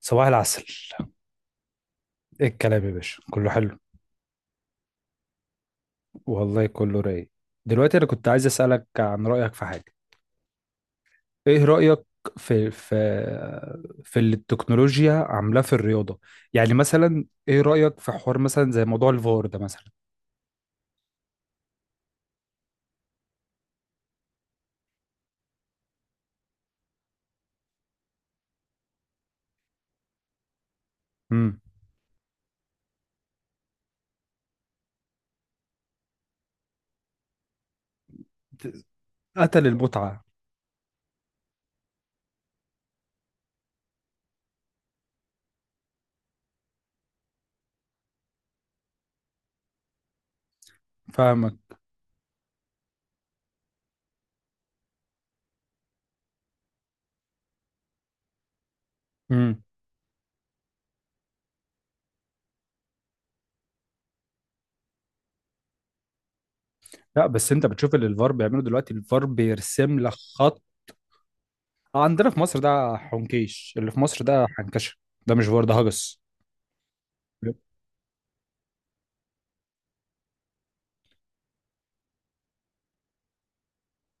صباح العسل. ايه الكلام يا باشا؟ كله حلو. والله كله رايق. دلوقتي انا كنت عايز اسالك عن رايك في حاجه. ايه رايك في في في اللي التكنولوجيا عاملاه في الرياضه؟ يعني مثلا ايه رايك في حوار مثلا زي موضوع الفار ده مثلا. امم. قتل المتعه. فاهمك. امم. لا بس انت بتشوف اللي الفار بيعمله دلوقتي. الفار بيرسم لك خط. عندنا في مصر ده حنكيش. اللي في مصر ده حنكشه. ده مش فار، ده هجس.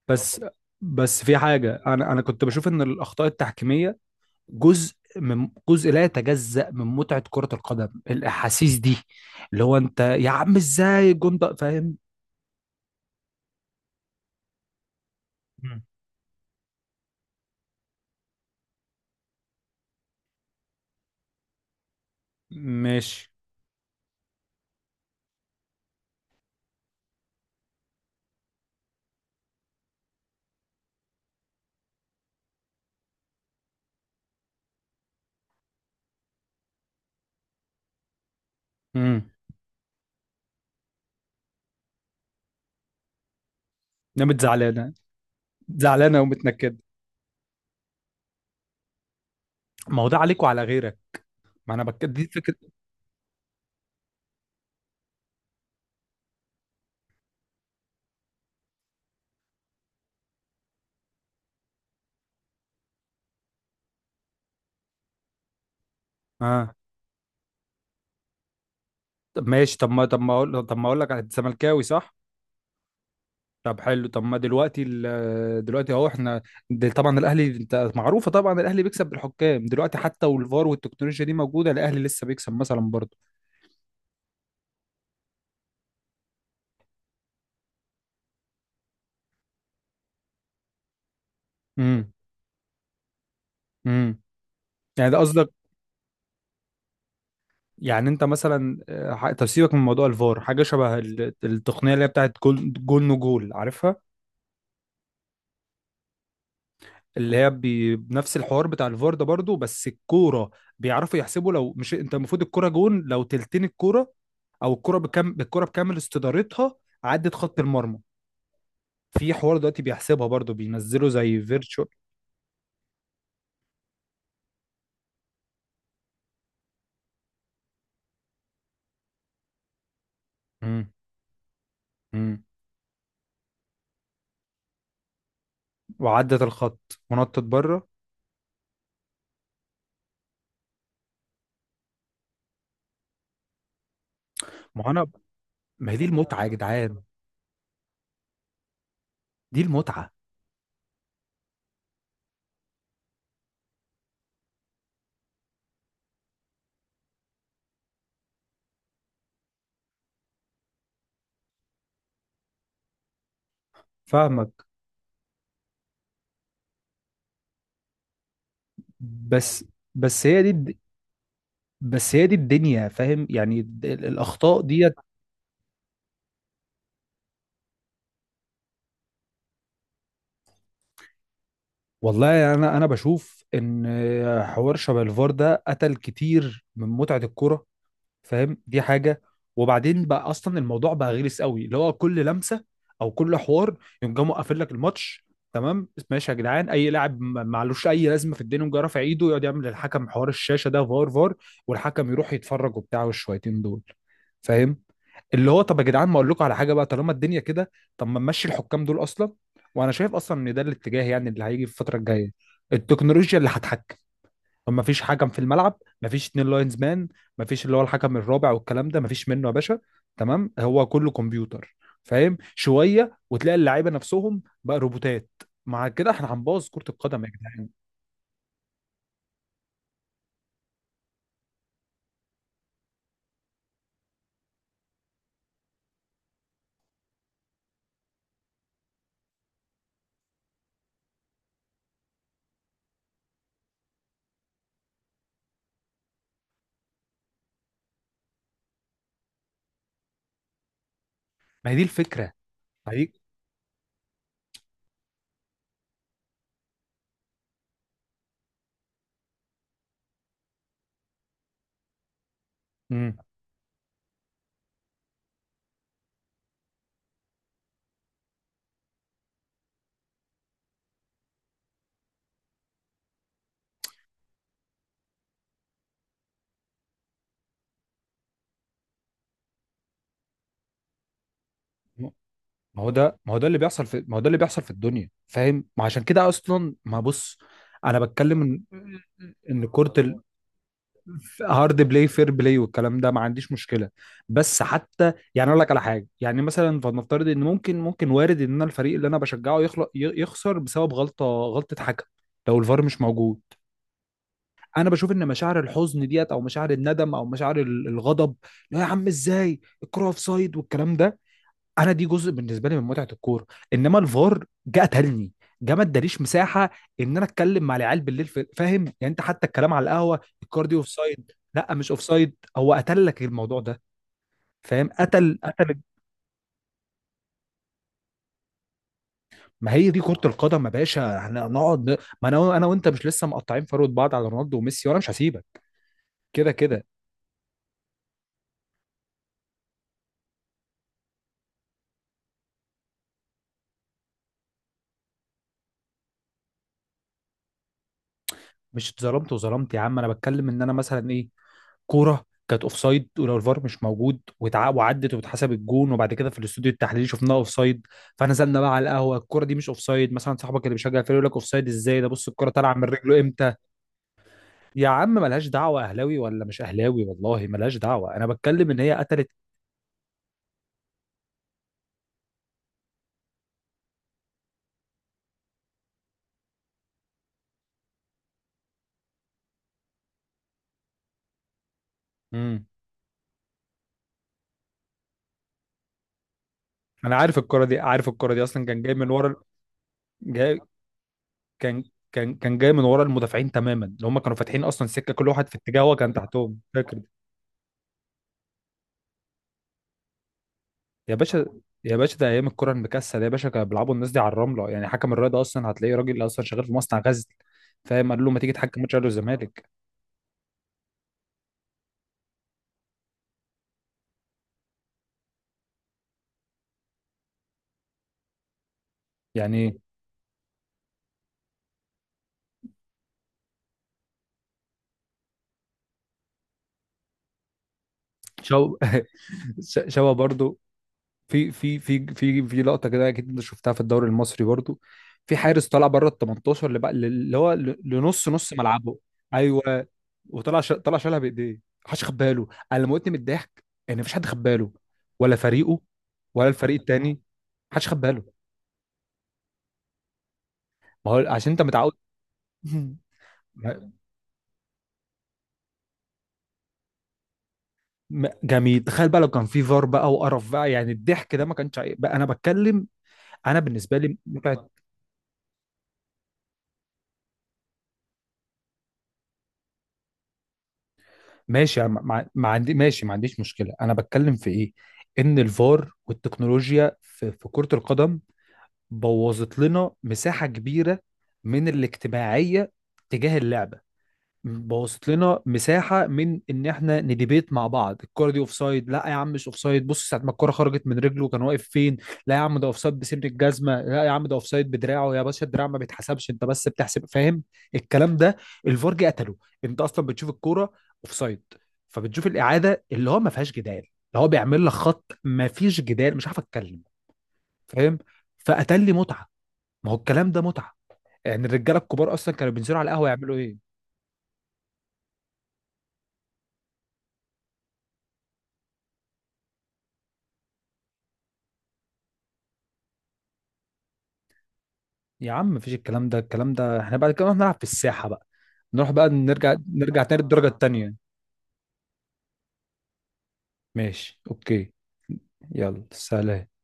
بس بس في حاجة، أنا كنت بشوف إن الأخطاء التحكيمية جزء، من جزء لا يتجزأ من متعة كرة القدم. الأحاسيس دي، اللي هو أنت يا عم إزاي الجون ده؟ فاهم. مم. ماشي. امم. نمت زعلانة. زعلانة ومتنكدة. ما هو ده عليك وعلى غيرك. ما أنا بك، دي فكرة. آه. طب ماشي. طب ما أقول لك، أنت زملكاوي صح؟ طب حلو. طب ما دلوقتي اهو احنا، ده طبعا الاهلي، انت معروفه طبعا الاهلي بيكسب بالحكام دلوقتي، حتى والفار والتكنولوجيا دي موجوده الاهلي لسه بيكسب مثلا برضه. امم. امم. يعني ده قصدك؟ يعني انت مثلا، طب سيبك من موضوع الفار، حاجه شبه التقنيه اللي هي بتاعت جول، جول نو جول، عارفها. اللي هي بنفس الحوار بتاع الفار ده برضه، بس الكوره بيعرفوا يحسبوا. لو مش انت المفروض الكوره جون لو تلتين الكوره، او الكوره بكم، بالكوره بكامل استدارتها عدت خط المرمى. في حوار دلوقتي بيحسبها برضه، بينزله زي فيرتشوال. امم. امم. وعدت الخط ونطت بره. ما انا، ما هي دي المتعه يا جدعان. دي المتعه. فاهمك. بس بس هي دي الد- بس هي دي الدنيا، فاهم؟ يعني الاخطاء ديت. والله انا بشوف ان حوار شبه الفار ده قتل كتير من متعه الكوره، فاهم؟ دي حاجه. وبعدين بقى اصلا الموضوع بقى غلس قوي، اللي هو كل لمسه او كل حوار يقوم جاي مقفل لك الماتش. تمام ماشي يا جدعان، اي لاعب معلوش اي لازمه في الدنيا يقوم جاي رافع ايده، يقعد يعمل للحكم حوار الشاشه، ده فار فار، والحكم يروح يتفرج وبتاع، والشويتين دول. فاهم؟ اللي هو طب يا جدعان، ما اقول لكم على حاجه بقى، طالما الدنيا كده، طب ما نمشي الحكام دول اصلا. وانا شايف اصلا ان ده الاتجاه، يعني اللي هيجي في الفتره الجايه. التكنولوجيا اللي هتحكم. ما فيش حكم في الملعب، ما فيش اتنين لاينز مان، ما فيش اللي هو الحكم الرابع والكلام ده، ما فيش منه يا باشا. تمام، هو كله كمبيوتر. فاهم؟ شويه وتلاقي اللعيبه نفسهم بقى روبوتات. مع كده احنا هنبوظ كره القدم يا جدعان. ما هي دي الفكره. ما هي، مم. ما هو ده ما هو ده اللي بيحصل في ما هو ده اللي بيحصل في الدنيا، فاهم؟ ما عشان كده اصلا، ما بص، انا بتكلم ان، ان كره ال... هارد بلاي، فير بلاي والكلام ده، ما عنديش مشكله. بس حتى يعني اقول لك على حاجه، يعني مثلا فلنفترض ان، ممكن وارد ان انا الفريق اللي انا بشجعه يخسر بسبب غلطه حكم، لو الفار مش موجود. انا بشوف ان مشاعر الحزن ديت، او مشاعر الندم، او مشاعر الغضب، لا يا عم ازاي الكره اوف سايد والكلام ده، انا دي جزء بالنسبه لي من متعه الكوره. انما الفار جه قتلني، جه ما اداليش مساحه ان انا اتكلم مع العيال بالليل فاهم يعني. انت حتى الكلام على القهوه، الكار دي اوف سايد، لا مش اوف سايد، هو قتل لك الموضوع ده. فاهم؟ قتل قتل. ما هي دي كره القدم يا باشا، احنا نقعد ما انا وانت مش لسه مقطعين فروه بعض على رونالدو وميسي، وانا مش هسيبك كده كده. مش اتظلمت وظلمت يا عم، انا بتكلم ان انا مثلا ايه، كوره كانت اوفسايد، ولو الفار مش موجود وعدت واتحسب الجون، وبعد كده في الاستوديو التحليلي شفناها اوفسايد. فنزلنا بقى على القهوه، الكوره دي مش اوفسايد مثلا، صاحبك اللي بيشجع الفريق يقول لك اوفسايد ازاي؟ ده بص الكوره طالعه من رجله امتى. يا عم ملهاش دعوه اهلاوي ولا مش اهلاوي، والله ملهاش دعوه، انا بتكلم ان هي قتلت. امم. انا عارف الكوره دي. عارف الكوره دي اصلا، كان جاي من ورا ال- جاي كان كان كان جاي من ورا المدافعين تماما، اللي هم كانوا فاتحين اصلا سكه، كل واحد في اتجاهه كان تحتهم، فاكر؟ يا باشا يا باشا، ده ايام الكرة المكسل يا باشا، كانوا بيلعبوا الناس دي على الرملة، يعني حكم الرياضة اصلا هتلاقيه راجل اصلا شغال في مصنع غزل، فاهم؟ قال له ما تيجي تحكم ماتش الاهلي والزمالك. يعني شو شوا برضو. في لقطة كده اكيد انت شفتها في الدوري المصري برضو. في حارس طلع بره ال 18، اللي بقى اللي هو لنص نص ملعبه. ايوه. وطلع طلع شالها بايديه. محدش خد باله. انا لما قلت من الضحك، ان مفيش حد خد باله، ولا فريقه، ولا الفريق التاني، محدش خد باله. ما هو عشان انت متعود. مم. جميل. تخيل بقى لو كان في فار بقى، وقرف بقى، يعني الضحك ده ما كانش بقى. انا بتكلم، انا بالنسبه لي متعه. ماشي. أنا ما عندي، ماشي ما عنديش مشكله، انا بتكلم في ايه؟ ان الفار والتكنولوجيا في كره القدم بوظت لنا مساحه كبيره من الاجتماعيه تجاه اللعبه. بوظت لنا مساحه من ان احنا نديبيت مع بعض. الكوره دي اوف سايد، لا يا عم مش اوف سايد، بص ساعه ما الكوره خرجت من رجله كان واقف فين، لا يا عم ده اوف سايد بسن الجزمه، لا يا عم ده اوف سايد بدراعه، يا باشا الدراع ما بيتحسبش، انت بس بتحسب، فاهم الكلام ده؟ الفار جه قتله. انت اصلا بتشوف الكوره اوف سايد، فبتشوف الاعاده اللي هو ما فيهاش جدال، اللي هو بيعمل لك خط ما فيش جدال، مش عارف اتكلم، فاهم؟ فقتل لي متعه. ما هو الكلام ده متعه، يعني الرجاله الكبار اصلا كانوا بينزلوا على القهوه يعملوا ايه؟ يا عم مفيش الكلام ده، الكلام ده احنا بعد كده نروح نلعب في الساحة بقى، نروح بقى نرجع، نرجع تاني الدرجة التانية. ماشي اوكي. يلا سلام.